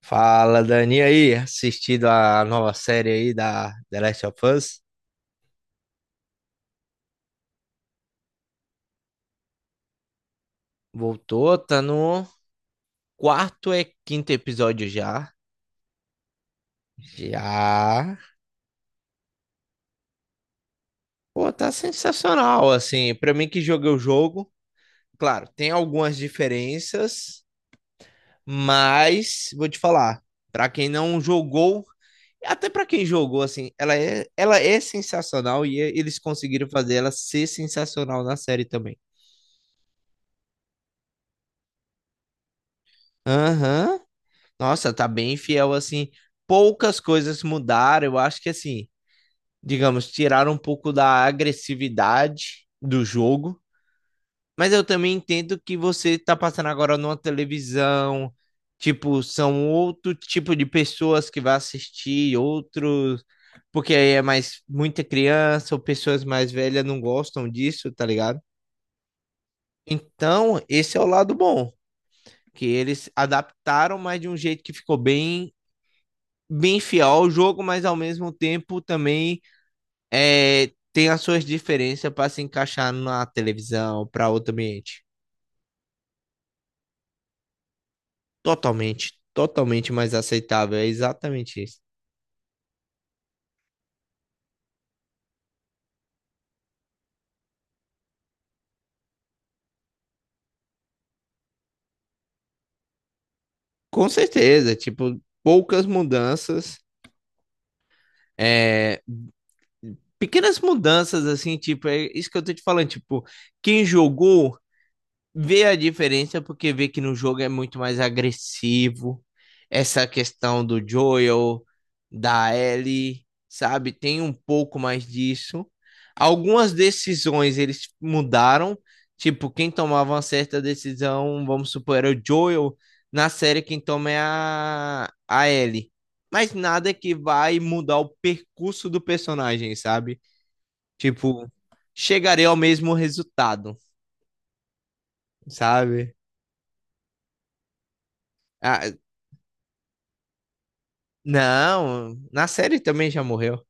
Fala, Dani. E aí, assistido a nova série aí da The Last of Us? Voltou, tá no quarto e quinto episódio já. Já. Pô, tá sensacional, assim, pra mim que joguei o jogo, claro, tem algumas diferenças, mas vou te falar, pra quem não jogou, até pra quem jogou, assim, ela é sensacional e eles conseguiram fazer ela ser sensacional na série também. Aham. Nossa, tá bem fiel assim. Poucas coisas mudaram. Eu acho que assim, digamos, tiraram um pouco da agressividade do jogo. Mas eu também entendo que você tá passando agora numa televisão. Tipo, são outro tipo de pessoas que vai assistir, outros. Porque aí é mais muita criança ou pessoas mais velhas não gostam disso, tá ligado? Então, esse é o lado bom, que eles adaptaram, mas de um jeito que ficou bem fiel ao jogo, mas ao mesmo tempo também é, tem as suas diferenças para se encaixar na televisão, para outro ambiente. Totalmente, totalmente mais aceitável. É exatamente isso. Com certeza, tipo, poucas mudanças, é, pequenas mudanças, assim, tipo, é isso que eu tô te falando, tipo, quem jogou vê a diferença porque vê que no jogo é muito mais agressivo. Essa questão do Joel, da Ellie, sabe? Tem um pouco mais disso. Algumas decisões eles mudaram. Tipo, quem tomava uma certa decisão, vamos supor, era o Joel. Na série, quem toma é a Ellie. Mas nada que vai mudar o percurso do personagem, sabe? Tipo, chegarei ao mesmo resultado, sabe? Ah, não, na série também já morreu,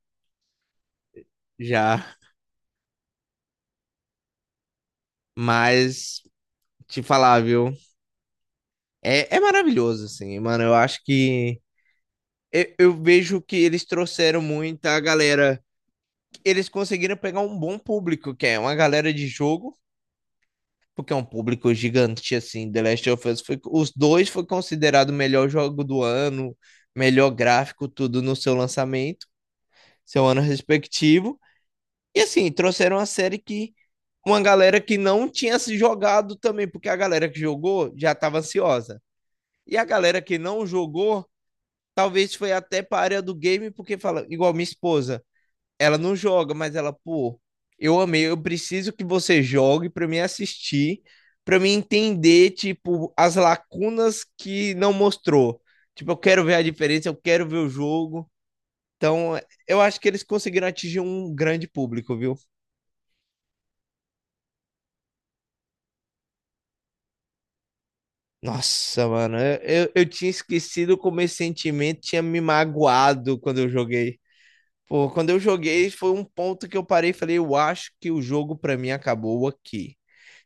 já. Mas te falar, viu? É, é maravilhoso, assim, mano. Eu acho que eu vejo que eles trouxeram muita galera. Eles conseguiram pegar um bom público, que é uma galera de jogo, porque é um público gigante, assim. The Last of Us foi, os dois foi considerado o melhor jogo do ano, melhor gráfico, tudo no seu lançamento, seu ano respectivo. E assim, trouxeram uma série que uma galera que não tinha se jogado também, porque a galera que jogou já estava ansiosa. E a galera que não jogou, talvez foi até para a área do game, porque fala, igual minha esposa, ela não joga, mas ela, pô, eu amei, eu preciso que você jogue para me assistir, para me entender, tipo, as lacunas que não mostrou. Tipo, eu quero ver a diferença, eu quero ver o jogo. Então, eu acho que eles conseguiram atingir um grande público, viu? Nossa, mano, eu tinha esquecido como esse sentimento tinha me magoado quando eu joguei. Pô, quando eu joguei, foi um ponto que eu parei e falei, eu acho que o jogo pra mim acabou aqui.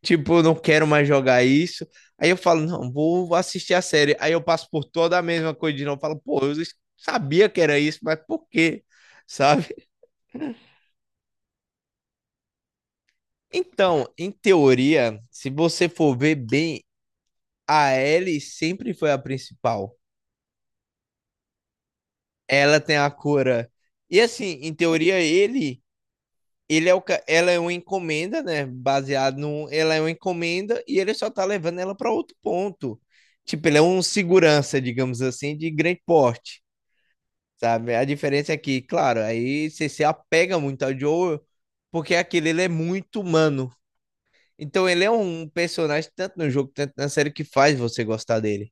Tipo, eu não quero mais jogar isso. Aí eu falo, não, vou assistir a série. Aí eu passo por toda a mesma coisa de novo. Eu falo, pô, eu sabia que era isso, mas por quê? Sabe? Então, em teoria, se você for ver bem, a Ellie sempre foi a principal. Ela tem a cura. E assim, em teoria, ele é o, ca- ela é uma encomenda, né? Baseado no, ela é uma encomenda e ele só tá levando ela para outro ponto. Tipo, ele é um segurança, digamos assim, de grande porte, sabe? A diferença é que, claro, aí você se apega muito ao Joel, porque aquele ele é muito humano. Então ele é um personagem tanto no jogo, tanto na série que faz você gostar dele.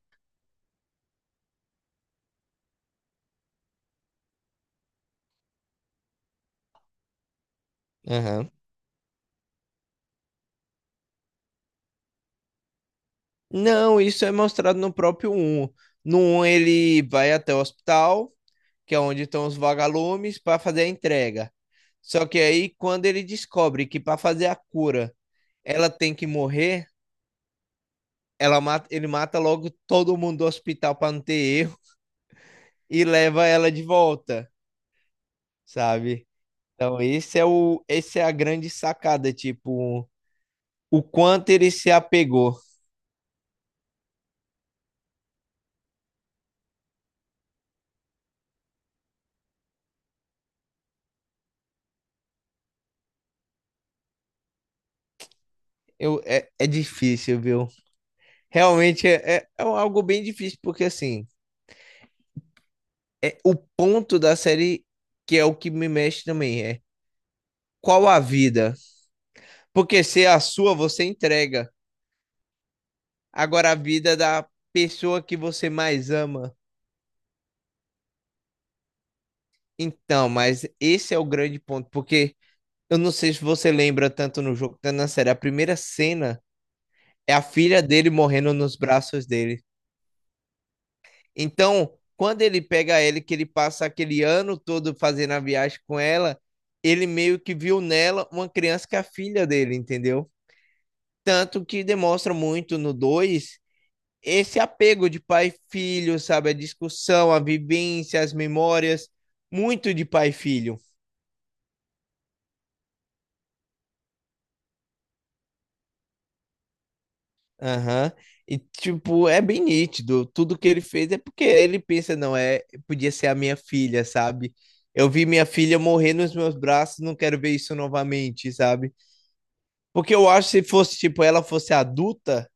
Não, isso é mostrado no próprio um. No um ele vai até o hospital, que é onde estão os vagalumes, para fazer a entrega. Só que aí, quando ele descobre que para fazer a cura ela tem que morrer, ela mata, ele mata logo todo mundo do hospital para não ter erro e leva ela de volta, sabe? Então, esse é a grande sacada, tipo, o quanto ele se apegou. Eu, é difícil, viu? Realmente é algo bem difícil, porque assim. É o ponto da série que é o que me mexe também, é qual a vida? Porque se é a sua, você entrega. Agora a vida da pessoa que você mais ama. Então, mas esse é o grande ponto, porque eu não sei se você lembra tanto no jogo quanto na série, a primeira cena é a filha dele morrendo nos braços dele. Então, quando ele pega ele, que ele passa aquele ano todo fazendo a viagem com ela, ele meio que viu nela uma criança que é a filha dele, entendeu? Tanto que demonstra muito no 2 esse apego de pai e filho, sabe? A discussão, a vivência, as memórias, muito de pai e filho. Aham. E, tipo, é bem nítido. Tudo que ele fez é porque ele pensa, não, é, podia ser a minha filha, sabe? Eu vi minha filha morrer nos meus braços, não quero ver isso novamente, sabe? Porque eu acho que se fosse, tipo, ela fosse adulta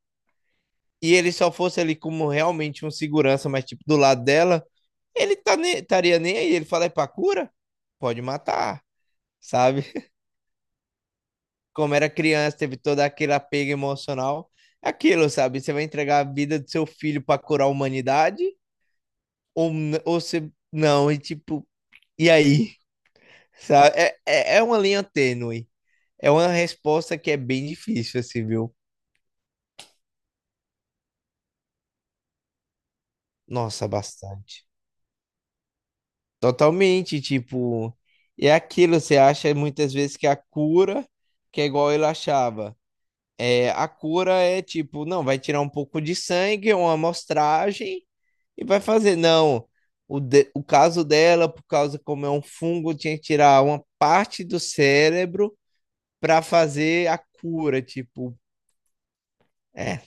e ele só fosse ali como realmente um segurança, mas, tipo, do lado dela, estaria nem aí. Ele fala, é pra cura? Pode matar, sabe? Como era criança, teve todo aquele apego emocional. Aquilo, sabe? Você vai entregar a vida do seu filho pra curar a humanidade? Ou você... Não, e tipo... E aí? Sabe? É uma linha tênue. É uma resposta que é bem difícil, assim, viu? Nossa, bastante. Totalmente, tipo... E é aquilo, você acha muitas vezes que a cura, que é igual ele achava. É, a cura é tipo, não, vai tirar um pouco de sangue, é uma amostragem e vai fazer. Não, o caso dela, por causa como é um fungo, tinha que tirar uma parte do cérebro para fazer a cura, tipo. É,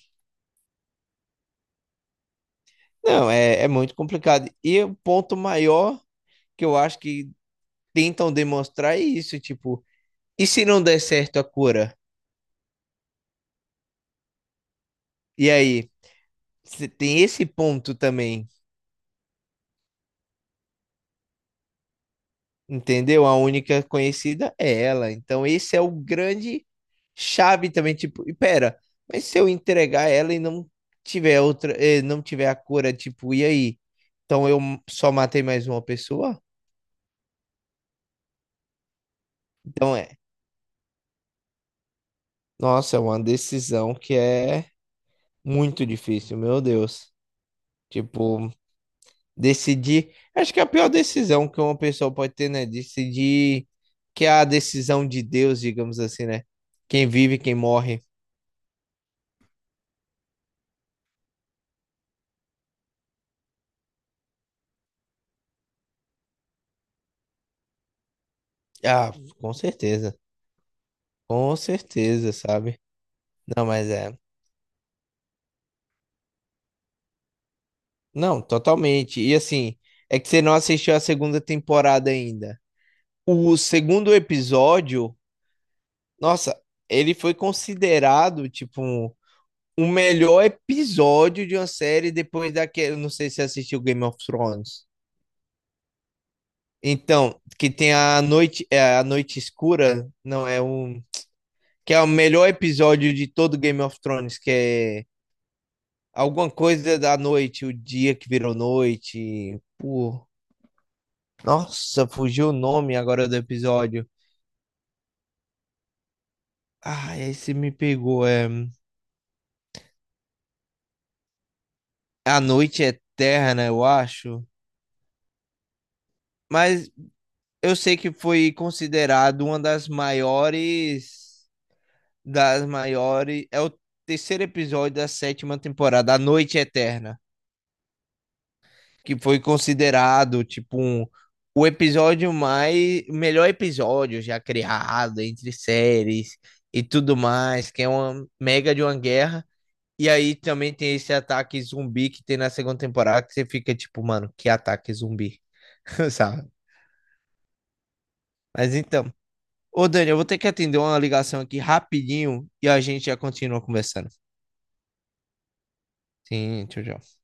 não, é muito complicado. E o ponto maior que eu acho que tentam demonstrar é isso, tipo, e se não der certo a cura? E aí, você tem esse ponto também Entendeu? A única conhecida é ela. Então, esse é o grande chave também, tipo, e pera, mas se eu entregar ela e não tiver outra, não tiver a cura, tipo, e aí? Então eu só matei mais uma pessoa? Então é. Nossa, é uma decisão que é muito difícil, meu Deus. Tipo, decidir, acho que é a pior decisão que uma pessoa pode ter, né? Decidir que é a decisão de Deus, digamos assim, né? Quem vive, quem morre. Ah, com certeza. Com certeza, sabe? Não, mas é. Não, totalmente. E assim, é que você não assistiu a segunda temporada ainda. O segundo episódio, nossa, ele foi considerado, tipo, um- o melhor episódio de uma série depois daquele. Não sei se você assistiu Game of Thrones. Então, que tem a noite, é, a noite escura, não é um, que é o melhor episódio de todo Game of Thrones, que é alguma coisa da noite, o dia que virou noite. Pô, nossa, fugiu o nome agora do episódio. Ah, esse me pegou. É A Noite Eterna, eu acho. Mas eu sei que foi considerado uma das maiores. Das maiores. É o terceiro episódio da sétima temporada, A Noite Eterna. Que foi considerado tipo um, o episódio mais melhor episódio já criado entre séries e tudo mais, que é uma mega de uma guerra. E aí também tem esse ataque zumbi que tem na segunda temporada que você fica tipo, mano, que ataque zumbi, sabe? Mas então, ô Dani, eu vou ter que atender uma ligação aqui rapidinho e a gente já continua conversando. Sim, tchau.